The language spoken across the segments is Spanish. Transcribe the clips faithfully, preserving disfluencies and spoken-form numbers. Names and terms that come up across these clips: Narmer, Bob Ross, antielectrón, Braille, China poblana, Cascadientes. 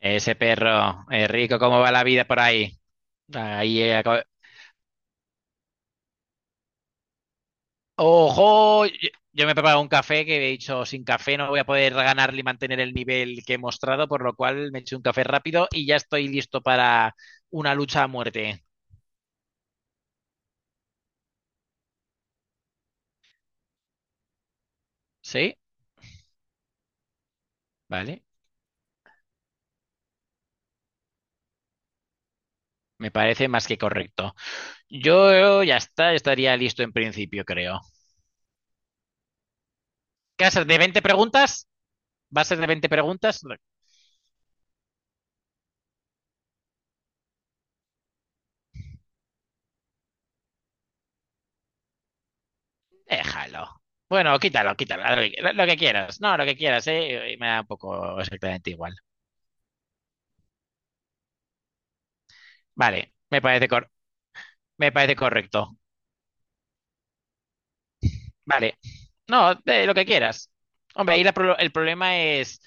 Ese perro, eh, rico, ¿cómo va la vida por ahí? Ahí, eh, acabo- ¡Ojo! Yo yo me he preparado un café que he dicho, sin café no voy a poder ganarle y mantener el nivel que he mostrado, por lo cual me he hecho un café rápido y ya estoy listo para una lucha a muerte. ¿Sí? Vale. Me parece más que correcto. Yo ya está, estaría listo en principio, creo. ¿Qué va a ser? ¿De veinte preguntas? ¿Va a ser de veinte preguntas ¿va a ser de veinte preguntas? Déjalo. Bueno, quítalo, quítalo, lo que, lo- lo que quieras. No, lo que quieras, ¿eh? Y me da un poco exactamente igual. Vale, me parece, cor- Me parece correcto. Vale, no, de lo que quieras. Hombre, ahí la pro- el problema es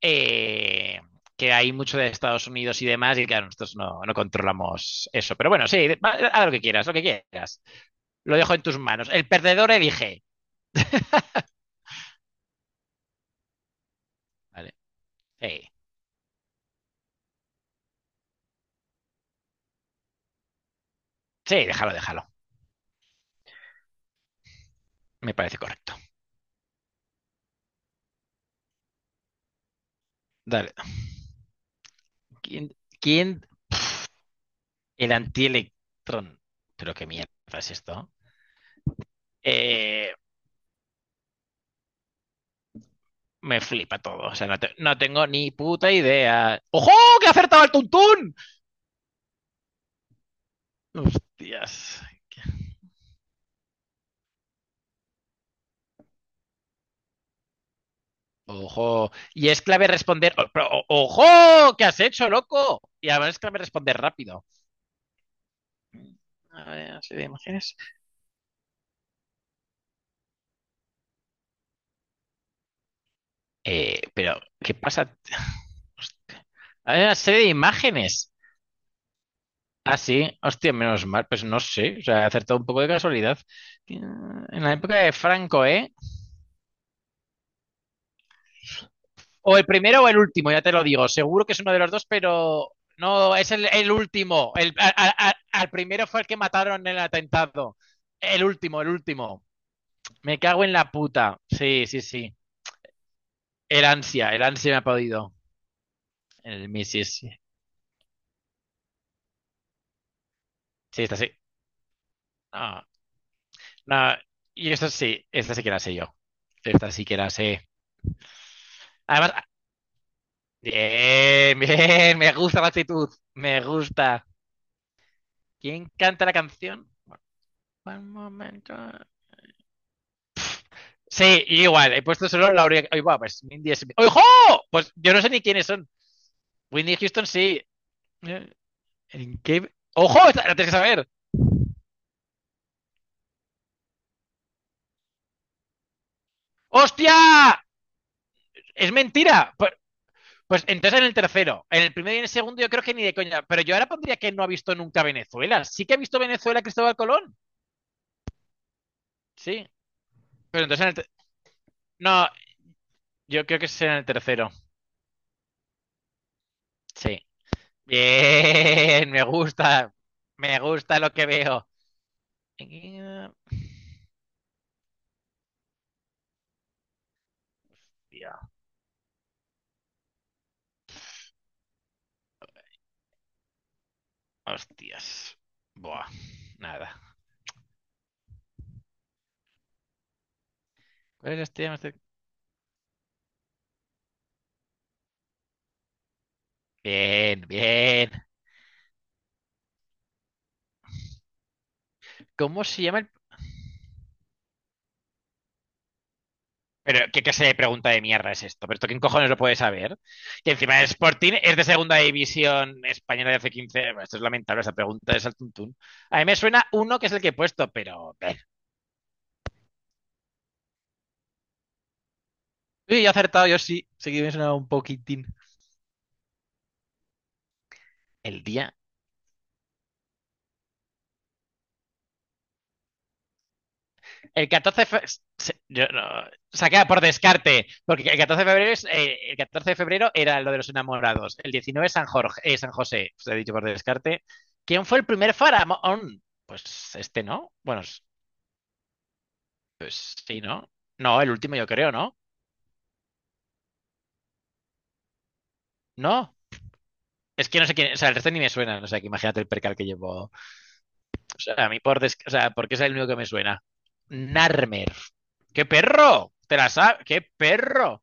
eh, que hay mucho de Estados Unidos y demás, y claro, nosotros no, no controlamos eso. Pero bueno, sí, va- haz lo que quieras, lo que quieras. Lo dejo en tus manos. El perdedor elige. Vale. Sí, sí, déjalo, déjalo. Me parece correcto. Dale. ¿Quién? ¿Quién? El antielectrón. Pero qué mierda es esto. Eh, Me flipa todo. O sea, no, te- no tengo ni puta idea. ¡Ojo! ¡Que ha acertado el tuntún! ¡Hostias! ¡Ojo! Y es clave responder. o- pero, o- ¡Ojo! ¿Qué has hecho, loco? Y además es clave responder rápido. A ver, una serie de imágenes. Eh, pero, ¿qué pasa? Hostia, hay una serie de imágenes. Ah, sí. Hostia, menos mal. Pues no sé. O sea, he acertado un poco de casualidad. En la época de Franco, ¿eh? O el primero o el último, ya te lo digo. Seguro que es uno de los dos, pero no, es el, el último. El, a- a- a- al primero fue el que mataron en el atentado. El último, el último. Me cago en la puta. Sí, sí, sí. El ansia, el ansia me ha podido. El Missis. Sí, sí, esta sí. No, no. Y esta sí, esta sí que la sé yo. Esta sí que la sé. Además, bien, bien, me gusta la actitud. Me gusta. ¿Quién canta la canción? Bueno, un momento. Sí, igual, he puesto solo la orilla. Oye, va, pues Mindy es. ¡Ojo! Pues yo no sé ni quiénes son. Whitney Houston sí. Eh, ¿En qué? ¡Ojo! Esta la tienes que saber. ¡Hostia! ¡Es mentira! Pues, pues entonces en el tercero. En el primero y en el segundo yo creo que ni de coña. Pero yo ahora pondría que no ha visto nunca Venezuela. Sí que ha visto Venezuela Cristóbal Colón. Sí. Pero entonces en el. ter- No, yo creo que es en el tercero. Sí. Bien, me gusta. Me gusta lo que veo. Eh, Hostias. Buah, nada. ¿Cuáles las teorías más bien, bien? ¿Cómo se llama el...? Pero, ¿qué clase de pregunta de mierda es esto? ¿Pero esto quién cojones lo puede saber? Que encima el Sporting es de segunda división española de hace quince. Bueno, esto es lamentable, esa pregunta es al tuntún. A mí me suena uno que es el que he puesto, pero... eh. Uy, yo he acertado, yo sí. Sí que me suena un poquitín. El día... El catorce de fe- yo no- o sea, queda por descarte, porque el catorce de febrero es, eh, el catorce de febrero era lo de los enamorados, el diecinueve San Jorge, eh, San José, os he dicho por descarte. ¿Quién fue el primer faraón? Pues este, ¿no? Bueno, pues sí, ¿no? No, el último yo creo, ¿no? No. Es que no sé quién, o sea, el resto ni me suena, o sea, que imagínate el percal que llevo. O sea, a mí por des- o sea, porque es el único que me suena. Narmer. ¡Qué perro! ¿Te la sabes? ¡Qué perro!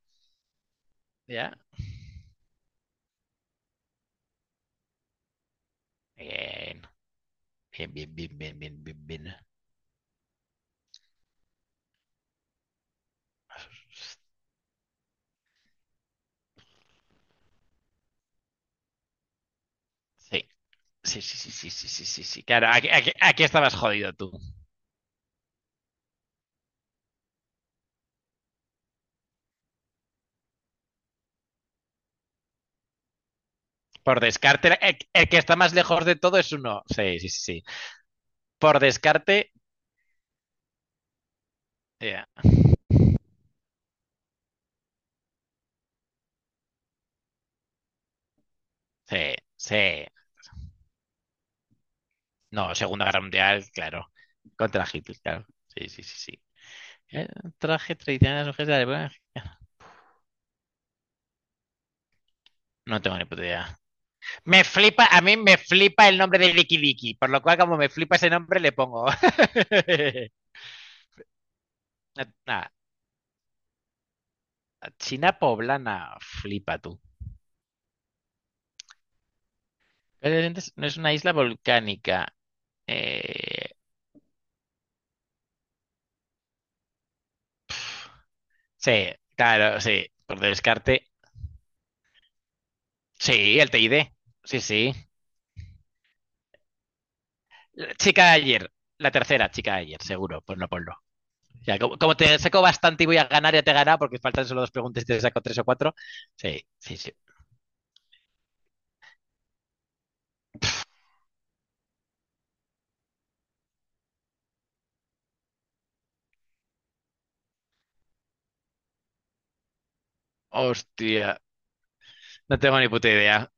Ya. Bien. Bien, bien, bien, bien, bien, bien, bien. Sí, sí, sí, sí, sí, sí, sí, sí, sí. Claro, aquí, aquí- aquí estabas jodido tú. Por descarte, el, el que está más lejos de todo es uno. Sí, sí, sí, sí. Por descarte, eh, sí, sí. No, Segunda Guerra Mundial, claro. Contra Hitler, claro. Sí, sí, sí, sí. Eh, Traje tradicional de mujeres de la época. No tengo ni puta idea. Me flipa, a mí me flipa el nombre de Licky Licky, por lo cual como me flipa ese nombre le pongo. Nada, China poblana, flipa tú. Cascadientes no es una isla volcánica. Eh, sí, claro, sí. Por descarte. Sí, el T I D. Sí, sí. La chica de ayer. La tercera chica de ayer, seguro. Pues no ponlo. Ya, como, como te saco bastante y voy a ganar, ya te he ganado porque faltan solo dos preguntas y te saco tres o cuatro. Sí, sí, sí. Hostia. No tengo ni puta idea.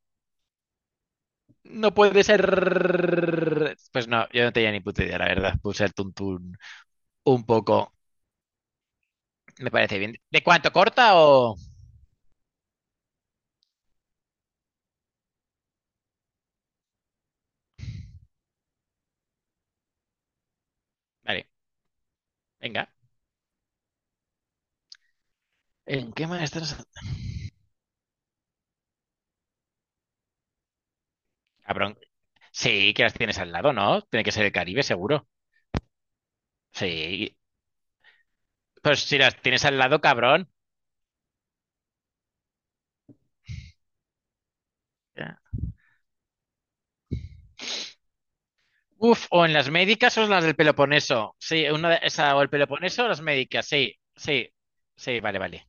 No puede ser. Pues no, yo no tenía ni puta idea, la verdad. Puse el tuntún un poco. Me parece bien. ¿De cuánto corta o...? Vale, venga. ¿En qué mar estás? Cabrón. Sí, que las tienes al lado, ¿no? Tiene que ser el Caribe, seguro. Sí. Pues si las tienes al lado, cabrón. Ya. Uf, o en las médicas o en las del Peloponeso. Sí, una de esa, o el Peloponeso o las médicas, sí, sí, sí, vale, vale.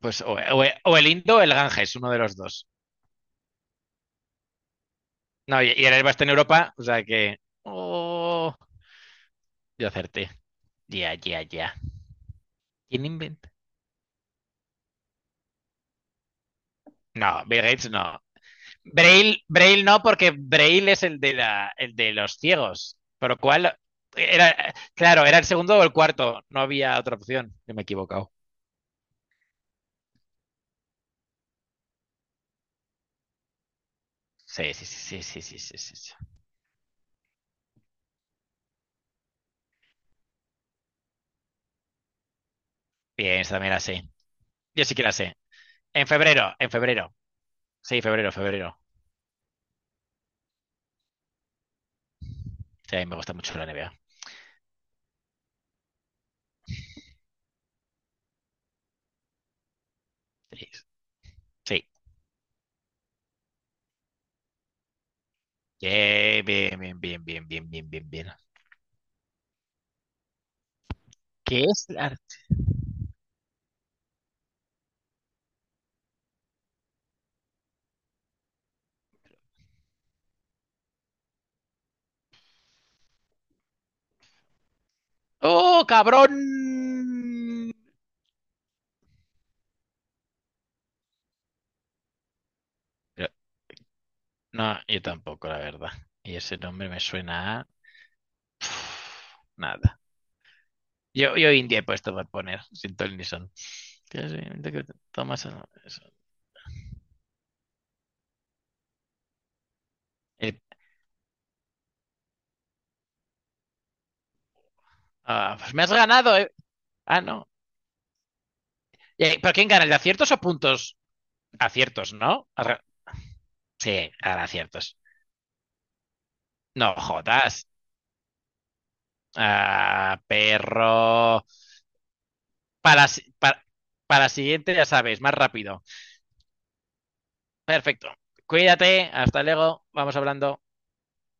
Pues o, o- o el Indo o el Ganges, uno de los dos. No, y, y el Elba en Europa, o sea que. Oh, yo acerté. Ya, ya, ya. ¿Quién inventa? No, Bill Gates no. Braille, Braille no, porque Braille es el de, la, el de los ciegos. Por lo cual, era, claro, era el segundo o el cuarto. No había otra opción. Yo me he equivocado. Sí, sí, sí, sí, sí, sí, sí, sí, sí. Bien, esta también la sé. Yo sí que la sé. En febrero, en febrero. Sí, febrero, febrero. Sí, a mí me gusta mucho la N B A. Sí, sí. Yeah, bien, bien, bien, bien, bien, bien, bien, bien. ¿Qué es la- ¡Oh, cabrón! Pero- no, yo tampoco, la verdad. Y ese nombre me suena a... Nada. Yo, yo India he puesto para poner, sin ton ni son. Tienes en mente que tomas eso. Eh, ah, pues me has ganado, eh. Ah, no. Eh, ¿Pero quién gana? ¿El de aciertos o puntos? Aciertos, ¿no? Arra- sí, gana aciertos. No jodas. Ah, perro. Para, si- para, para la siguiente, ya sabes, más rápido. Perfecto. Cuídate, hasta luego, vamos hablando.